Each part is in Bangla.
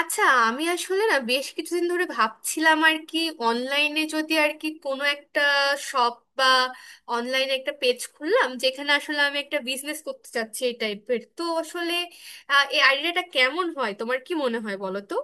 আচ্ছা। আমি আসলে না, বেশ কিছুদিন ধরে ভাবছিলাম আর কি, অনলাইনে যদি আর কি কোনো একটা শপ বা অনলাইনে একটা পেজ খুললাম, যেখানে আসলে আমি একটা বিজনেস করতে চাচ্ছি এই টাইপের। তো আসলে এই আইডিয়াটা কেমন হয়, তোমার কি মনে হয় বলো তো।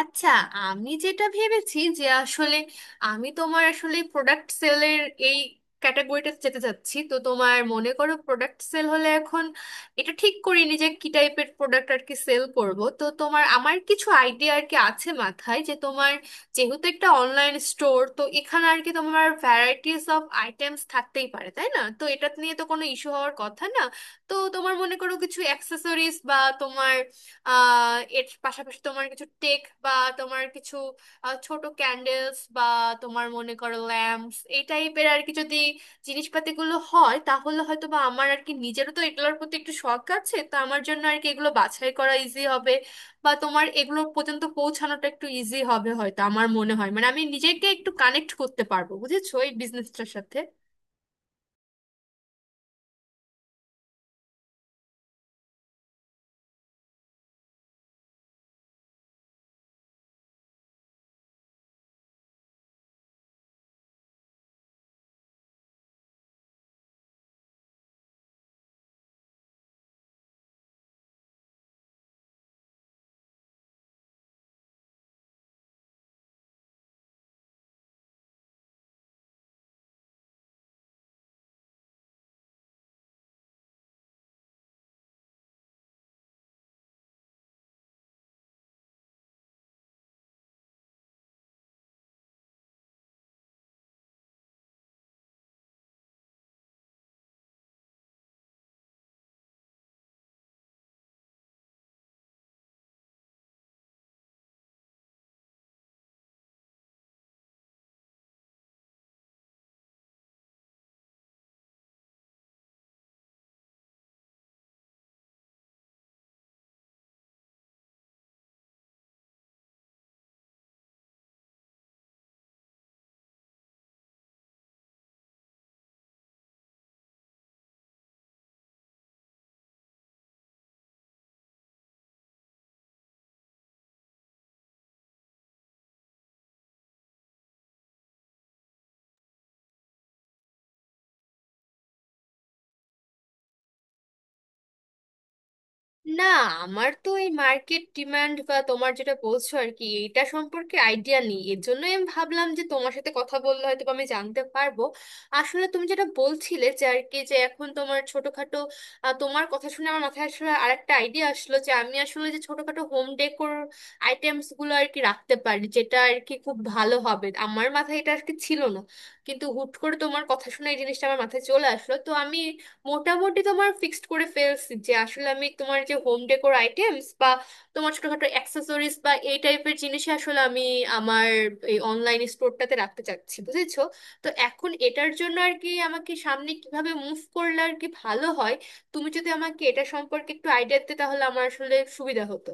আচ্ছা, আমি যেটা ভেবেছি যে আসলে আমি তোমার আসলে প্রোডাক্ট সেলের এই ক্যাটাগরিটা যেতে চাচ্ছি। তো তোমার মনে করো প্রোডাক্ট সেল হলে, এখন এটা ঠিক করিনি যে কি টাইপের প্রোডাক্ট আর কি সেল করব। তো তোমার আমার কিছু আইডিয়া আর কি আছে মাথায় যে তোমার, যেহেতু একটা অনলাইন স্টোর, তো এখানে আর কি তোমার ভ্যারাইটিস অফ আইটেমস থাকতেই পারে, তাই না? তো এটা নিয়ে তো কোনো ইস্যু হওয়ার কথা না। তো তোমার মনে করো কিছু অ্যাক্সেসরিজ বা তোমার আহ, এর পাশাপাশি তোমার কিছু টেক বা তোমার কিছু ছোট ক্যান্ডেলস বা তোমার মনে করো ল্যাম্পস, এই টাইপের আর কি যদি জিনিসপাতিগুলো হয় তাহলে হয়তো বা আমার আর কি নিজেরও তো এগুলোর প্রতি একটু শখ আছে, তো আমার জন্য আর কি এগুলো বাছাই করা ইজি হবে বা তোমার এগুলো পর্যন্ত পৌঁছানোটা একটু ইজি হবে হয়তো। আমার মনে হয় মানে আমি নিজেকে একটু কানেক্ট করতে পারবো, বুঝেছো, এই বিজনেসটার সাথে। না, আমার তো এই মার্কেট ডিমান্ড বা তোমার যেটা বলছো আর কি, এইটা সম্পর্কে আইডিয়া নেই, এর জন্য আমি ভাবলাম যে তোমার সাথে কথা বললে হয়তো বা আমি জানতে পারবো। আসলে তুমি যেটা বলছিলে যে আর কি যে এখন তোমার ছোটখাটো, তোমার কথা শুনে আমার মাথায় আসলে আরেকটা আইডিয়া আসলো যে আমি আসলে যে ছোটখাটো হোম ডেকোর আইটেমস গুলো আর কি রাখতে পারি, যেটা আর কি খুব ভালো হবে। আমার মাথায় এটা আর কি ছিল না, কিন্তু হুট করে তোমার কথা শুনে এই জিনিসটা আমার মাথায় চলে আসলো। তো আমি মোটামুটি তোমার ফিক্সড করে ফেলছি যে আসলে আমি তোমার যে হোম ডেকোর আইটেমস বা তোমার ছোটখাটো অ্যাক্সেসরিজ বা এই টাইপের জিনিস আসলে আমি আমার এই অনলাইন স্টোরটাতে রাখতে চাচ্ছি, বুঝেছো। তো এখন এটার জন্য আর কি আমাকে সামনে কিভাবে মুভ করলে আর কি ভালো হয়, তুমি যদি আমাকে এটা সম্পর্কে একটু আইডিয়া দিতে তাহলে আমার আসলে সুবিধা হতো।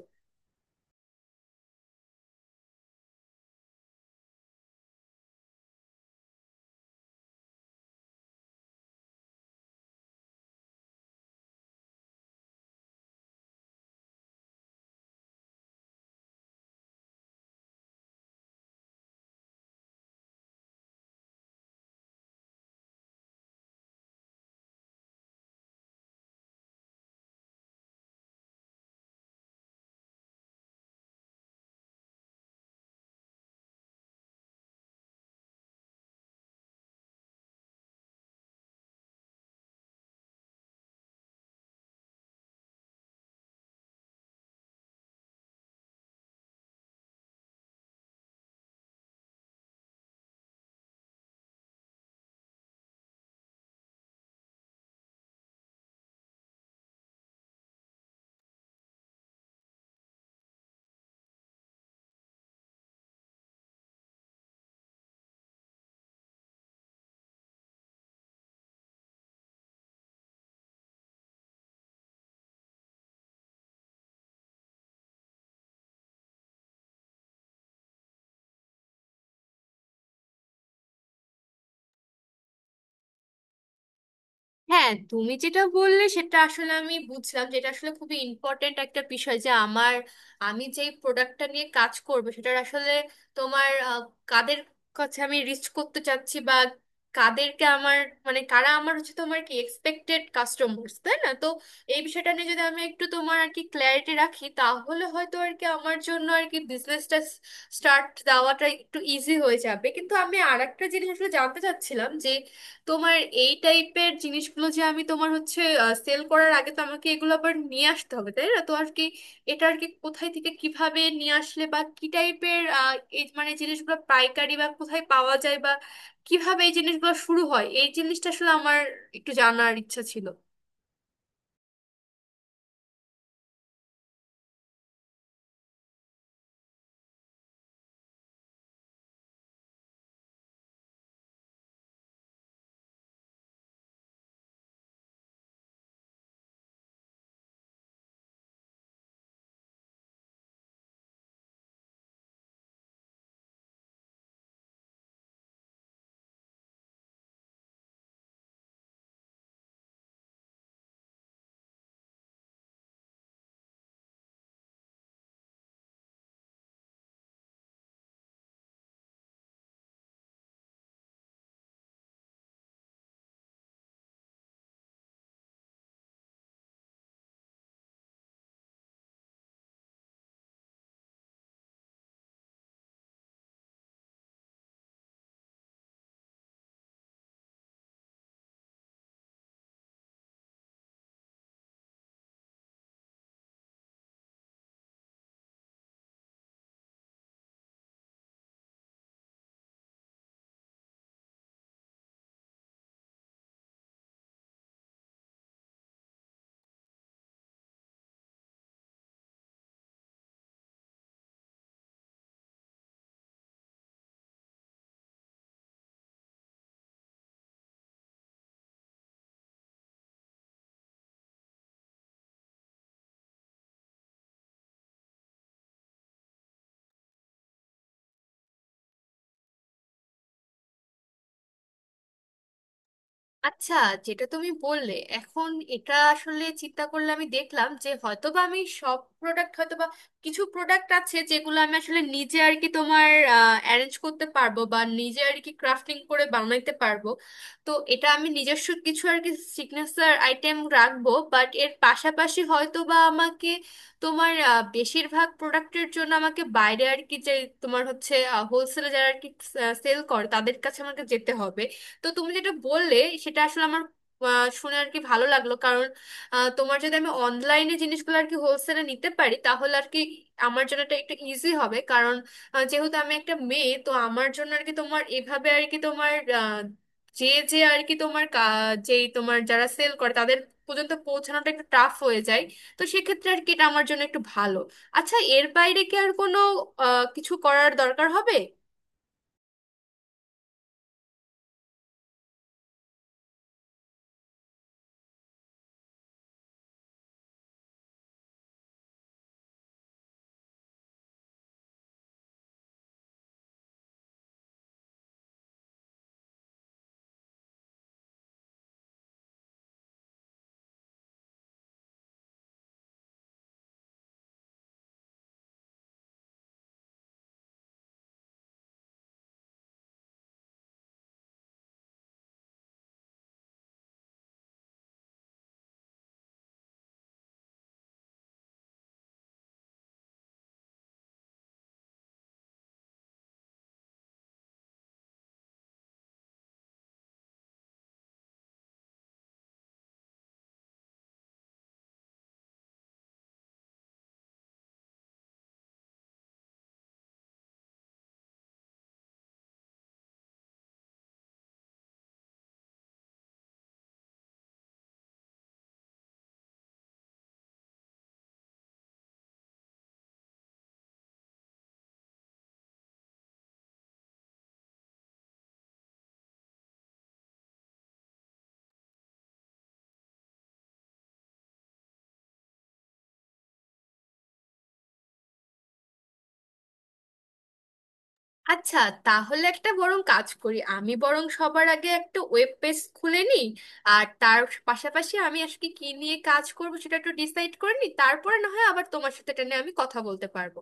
হ্যাঁ, তুমি যেটা বললে সেটা আসলে আমি বুঝলাম, যেটা আসলে খুবই ইম্পর্ট্যান্ট একটা বিষয় যে আমার, আমি যেই প্রোডাক্টটা নিয়ে কাজ করব সেটার আসলে তোমার আহ, কাদের কাছে আমি রিচ করতে চাচ্ছি বা কাদেরকে আমার, মানে কারা আমার হচ্ছে তোমার কি এক্সপেক্টেড কাস্টমার্স, তাই না? তো এই বিষয়টা নিয়ে যদি আমি একটু তোমার আর কি ক্ল্যারিটি রাখি, তাহলে হয়তো আর কি আমার জন্য আর কি বিজনেসটা স্টার্ট দেওয়াটা একটু ইজি হয়ে যাবে। কিন্তু আমি আর একটা জিনিস আসলে জানতে চাচ্ছিলাম যে তোমার এই টাইপের জিনিসগুলো যে আমি তোমার হচ্ছে সেল করার আগে তো আমাকে এগুলো আবার নিয়ে আসতে হবে, তাই না? তো আর কি এটা আর কি কোথায় থেকে কিভাবে নিয়ে আসলে বা কি টাইপের মানে জিনিসগুলো পাইকারি বা কোথায় পাওয়া যায় বা কিভাবে এই জিনিসগুলো শুরু হয়, এই জিনিসটা আসলে আমার একটু জানার ইচ্ছা ছিল। আচ্ছা, যেটা তুমি বললে এখন এটা আসলে চিন্তা করলে আমি দেখলাম যে হয়তোবা আমি সব প্রোডাক্ট হয়তোবা, কিছু প্রোডাক্ট আছে যেগুলো আমি আসলে নিজে আর কি তোমার অ্যারেঞ্জ করতে পারবো বা নিজে আর কি ক্রাফটিং করে বানাইতে পারবো। তো এটা আমি নিজস্ব কিছু আর কি সিগনেচার আইটেম রাখবো, বাট এর পাশাপাশি হয়তোবা আমাকে তোমার বেশিরভাগ প্রোডাক্টের জন্য আমাকে বাইরে আর কি যে তোমার হচ্ছে হোলসেলে যারা আর কি সেল করে তাদের কাছে আমাকে যেতে হবে। তো তুমি যেটা বললে সেটা আসলে আমার শুনে আর কি ভালো লাগলো, কারণ তোমার যদি আমি অনলাইনে জিনিসগুলো আর কি হোলসেলে নিতে পারি তাহলে আর কি আমার জন্য এটা একটু ইজি হবে। কারণ যেহেতু আমি একটা মেয়ে, তো আমার জন্য আর কি তোমার এভাবে আর কি তোমার আহ, যে যে আর কি তোমার যেই তোমার যারা সেল করে তাদের পর্যন্ত পৌঁছানোটা একটু টাফ হয়ে যায়। তো সেক্ষেত্রে আর কি এটা আমার জন্য একটু ভালো। আচ্ছা, এর বাইরে কি আর কোনো কিছু করার দরকার হবে? আচ্ছা, তাহলে একটা বরং কাজ করি, আমি বরং সবার আগে একটা ওয়েব পেজ খুলে নিই, আর তার পাশাপাশি আমি আজকে কি নিয়ে কাজ করব সেটা একটু ডিসাইড করে নিই, তারপরে না হয় আবার তোমার সাথে এটা নিয়ে আমি কথা বলতে পারবো।